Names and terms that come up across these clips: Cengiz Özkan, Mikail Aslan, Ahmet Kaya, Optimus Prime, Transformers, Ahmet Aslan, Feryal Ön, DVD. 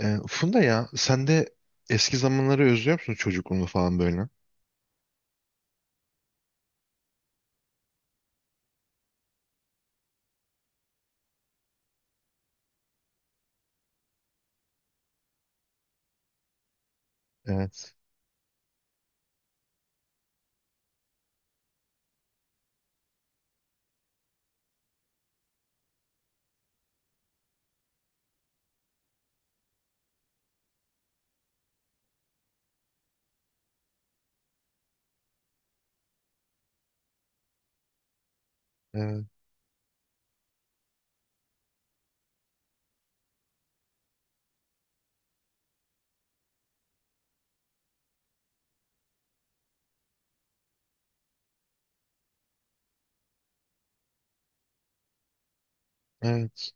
Funda, ya sen de eski zamanları özlüyor musun, çocukluğunu falan böyle? Evet. Evet. Evet.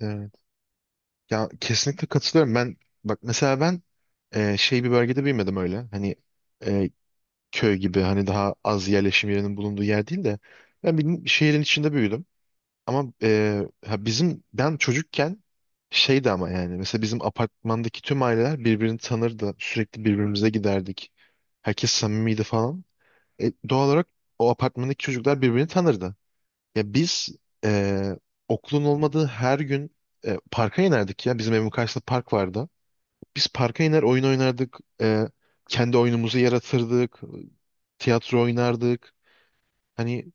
Evet. Ya kesinlikle katılıyorum. Ben, bak mesela, ben şey bir bölgede büyümedim öyle. Hani, e, köy gibi, hani daha az yerleşim yerinin bulunduğu yer değil de ben bir şehrin içinde büyüdüm. Ama ha, bizim ben çocukken şeydi ama yani mesela bizim apartmandaki tüm aileler birbirini tanırdı. Sürekli birbirimize giderdik. Herkes samimiydi falan. Doğal olarak o apartmandaki çocuklar birbirini tanırdı. Ya biz, e, okulun olmadığı her gün parka inerdik ya. Bizim evin karşısında park vardı. Biz parka iner oyun oynardık. Kendi oyunumuzu yaratırdık. Tiyatro oynardık. Hani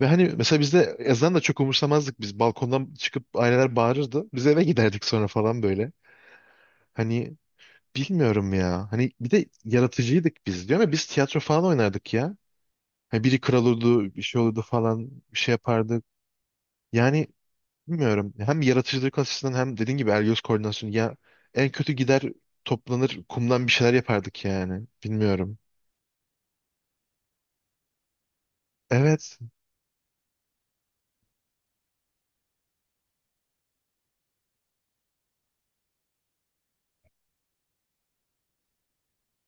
ve hani mesela bizde yazdan da çok umursamazdık biz. Balkondan çıkıp aileler bağırırdı. Biz eve giderdik sonra falan böyle. Hani, bilmiyorum ya. Hani bir de yaratıcıydık biz diyor ama biz tiyatro falan oynardık ya. Ha, biri kral olurdu, bir şey olurdu falan, bir şey yapardı. Yani bilmiyorum. Hem yaratıcılık açısından hem dediğin gibi el-göz koordinasyonu. Ya en kötü gider toplanır kumdan bir şeyler yapardık yani. Bilmiyorum. Evet,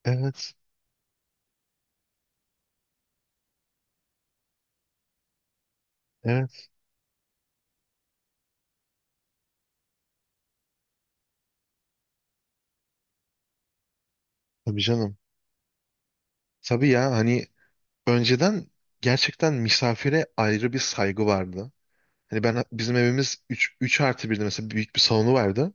evet, evet. Tabii canım. Tabii ya, hani önceden gerçekten misafire ayrı bir saygı vardı. Hani ben, bizim evimiz 3 artı birde mesela, büyük bir salonu vardı.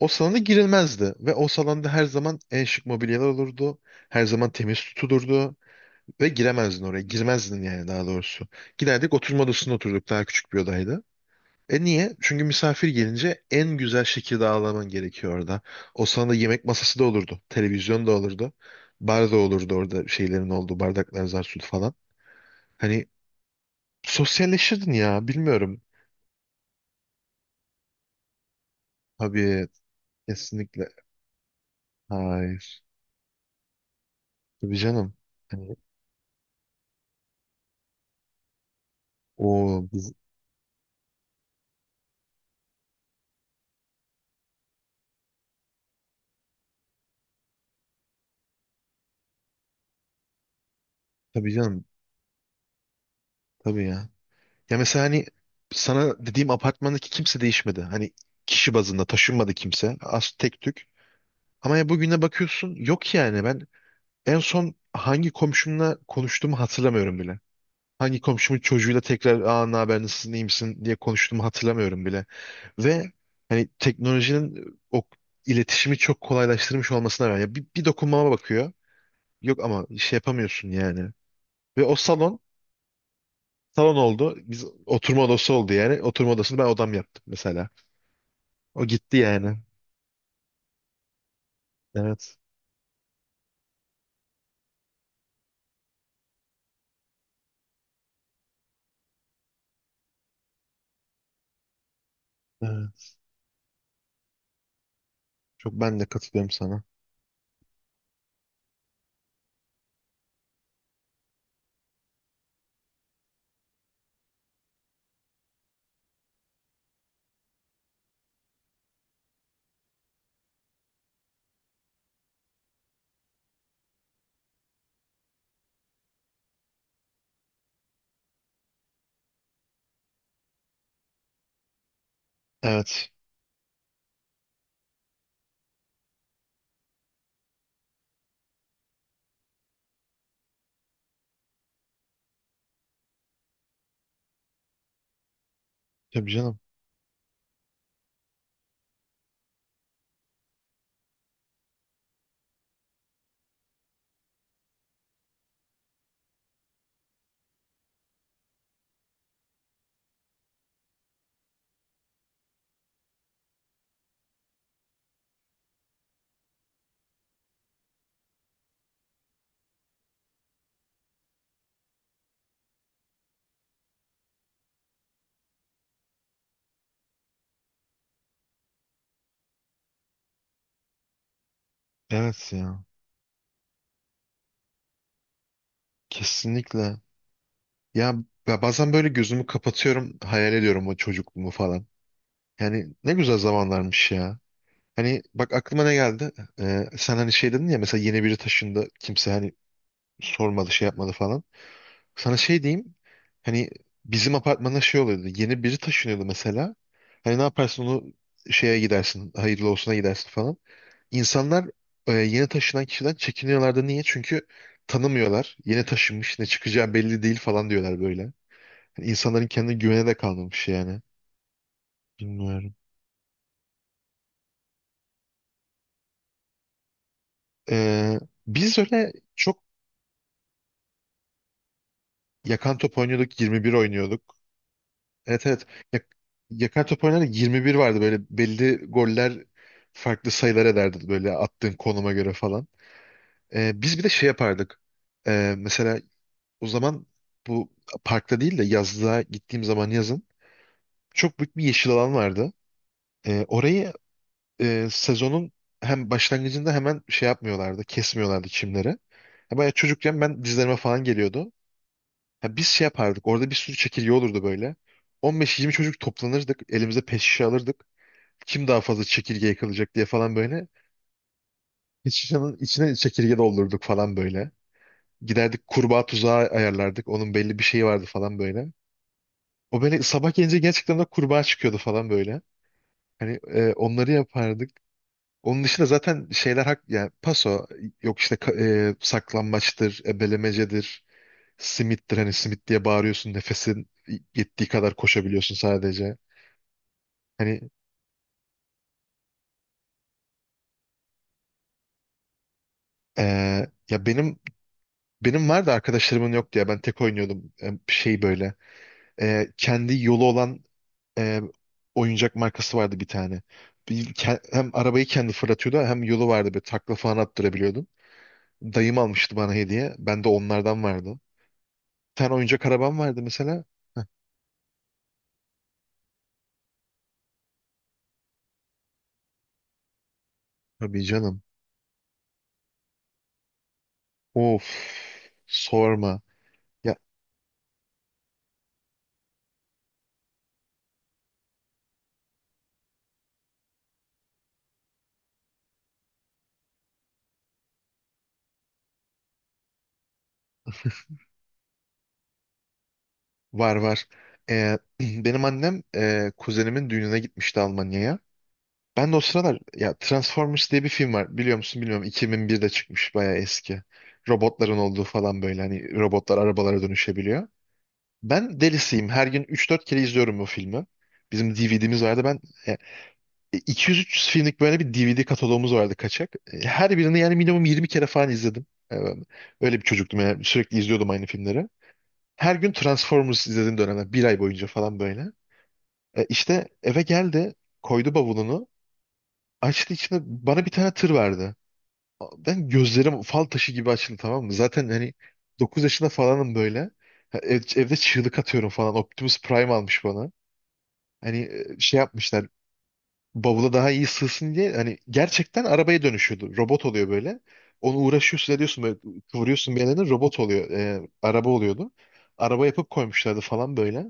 O salona girilmezdi ve o salonda her zaman en şık mobilyalar olurdu. Her zaman temiz tutulurdu. Ve giremezdin oraya. Girmezdin yani, daha doğrusu. Giderdik, oturma odasında oturduk. Daha küçük bir odaydı. E niye? Çünkü misafir gelince en güzel şekilde ağırlaman gerekiyor orada. O sana da yemek masası da olurdu. Televizyon da olurdu. Bar da olurdu orada, şeylerin olduğu bardaklar, zar su falan. Hani sosyalleşirdin ya, bilmiyorum. Tabii, kesinlikle. Hayır. Tabii canım. Hani, o biz, tabii canım. Tabii ya. Ya mesela hani sana dediğim apartmandaki kimse değişmedi. Hani kişi bazında taşınmadı kimse. Az, tek tük. Ama ya bugüne bakıyorsun yok yani, ben en son hangi komşumla konuştuğumu hatırlamıyorum bile. Hangi komşumun çocuğuyla tekrar, aa, ne haber, nasılsın, iyi misin diye konuştuğumu hatırlamıyorum bile. Ve hani teknolojinin o iletişimi çok kolaylaştırmış olmasına rağmen ya bir dokunmama bakıyor. Yok ama şey yapamıyorsun yani. Ve o salon oldu. Biz oturma odası oldu yani. Oturma odasını ben odam yaptım mesela. O gitti yani. Evet. Evet. Çok ben de katılıyorum sana. Evet. Tabii canım. Evet ya. Kesinlikle. Ya ya bazen böyle gözümü kapatıyorum, hayal ediyorum o çocukluğumu falan. Yani ne güzel zamanlarmış ya. Hani bak, aklıma ne geldi? Sen hani şey dedin ya, mesela yeni biri taşındı. Kimse hani sormadı, şey yapmadı falan. Sana şey diyeyim. Hani bizim apartmana şey oluyordu. Yeni biri taşınıyordu mesela. Hani ne yaparsın? Onu şeye gidersin, hayırlı olsuna gidersin falan. İnsanlar yeni taşınan kişiden çekiniyorlardı. Niye? Çünkü tanımıyorlar. Yeni taşınmış, ne çıkacağı belli değil falan diyorlar böyle. Yani İnsanların kendine güvene de kalmamış yani. Bilmiyorum. E, Biz öyle çok yakan top oynuyorduk, 21 oynuyorduk. Evet, evet. Ya- Yakan top oynardık, 21 vardı, böyle belli goller farklı sayılar ederdi böyle attığın konuma göre falan. Biz bir de şey yapardık. Mesela o zaman bu parkta değil de yazlığa gittiğim zaman, yazın çok büyük bir yeşil alan vardı. Orayı, sezonun hem başlangıcında hemen şey yapmıyorlardı, kesmiyorlardı çimleri. Ya bayağı çocukken ben, dizlerime falan geliyordu. Ya biz şey yapardık, orada bir sürü çekirge olurdu böyle. 15-20 çocuk toplanırdık, elimize pet şişe alırdık. Kim daha fazla çekirge yakalayacak diye falan böyle. Pet şişenin içine çekirge doldurduk falan böyle. Giderdik kurbağa tuzağı ayarlardık, onun belli bir şeyi vardı falan böyle. O böyle sabah gelince gerçekten de kurbağa çıkıyordu falan böyle. Hani onları yapardık. Onun dışında zaten şeyler hak yani paso yok işte, saklambaçtır, ebelemecedir, simittir, hani simit diye bağırıyorsun nefesin yettiği kadar koşabiliyorsun sadece. Hani e, ya benim vardı, arkadaşlarımın yok diye ben tek oynuyordum. Şey böyle, kendi yolu olan e, oyuncak markası vardı bir tane. Hem arabayı kendi fırlatıyordu hem yolu vardı, böyle takla falan attırabiliyordum. Dayım almıştı bana hediye. Bende onlardan vardı. Bir tane oyuncak arabam vardı mesela. Tabii canım. Of, sorma. Ya, var, var. Benim annem kuzenimin düğününe gitmişti Almanya'ya. Ben de o sıralar, ya, Transformers diye bir film var. Biliyor musun bilmiyorum. 2001'de çıkmış, bayağı eski. Robotların olduğu falan, böyle hani robotlar arabalara dönüşebiliyor. Ben delisiyim. Her gün 3-4 kere izliyorum bu filmi. Bizim DVD'miz vardı. Ben e, 200-300 filmlik böyle bir DVD kataloğumuz vardı, kaçak. Her birini yani minimum 20 kere falan izledim. Ben öyle bir çocuktum yani, sürekli izliyordum aynı filmleri. Her gün Transformers izlediğim dönemler, bir ay boyunca falan böyle. İşte eve geldi, koydu bavulunu, açtı içine, bana bir tane tır verdi. Ben gözlerim fal taşı gibi açıldı, tamam mı? Zaten hani 9 yaşında falanım böyle. Ha, evde çığlık atıyorum falan. Optimus Prime almış bana. Hani şey yapmışlar, bavula daha iyi sığsın diye, hani gerçekten arabaya dönüşüyordu. Robot oluyor böyle. Onu uğraşıyorsun, ediyorsun böyle, kıvırıyorsun bir yerlerine, robot oluyor. Araba oluyordu. Araba yapıp koymuşlardı falan böyle.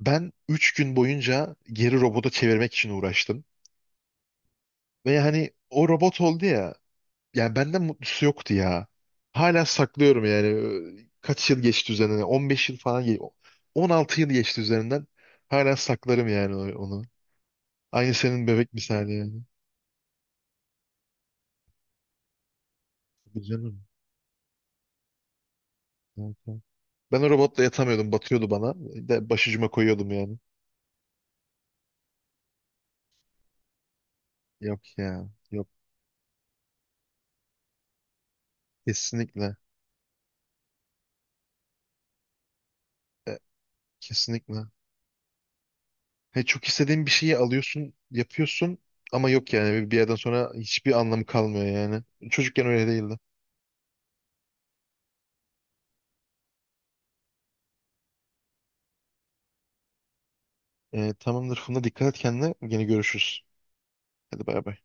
Ben 3 gün boyunca geri robota çevirmek için uğraştım. Ve hani o robot oldu ya. Yani benden mutlusu yoktu ya. Hala saklıyorum yani. Kaç yıl geçti üzerinden? 15 yıl falan. 16 yıl geçti üzerinden. Hala saklarım yani onu. Aynı senin bebek misali yani. Tabii canım. Ben o robotla yatamıyordum. Batıyordu bana. De başucuma koyuyordum yani. Yok ya. Yok. Kesinlikle. E, Kesinlikle. He, çok istediğin bir şeyi alıyorsun, yapıyorsun ama yok yani. Bir yerden sonra hiçbir anlamı kalmıyor yani. Çocukken öyle değildi. Tamamdır Funda. Dikkat et kendine. Yine görüşürüz. Hadi, bay bay.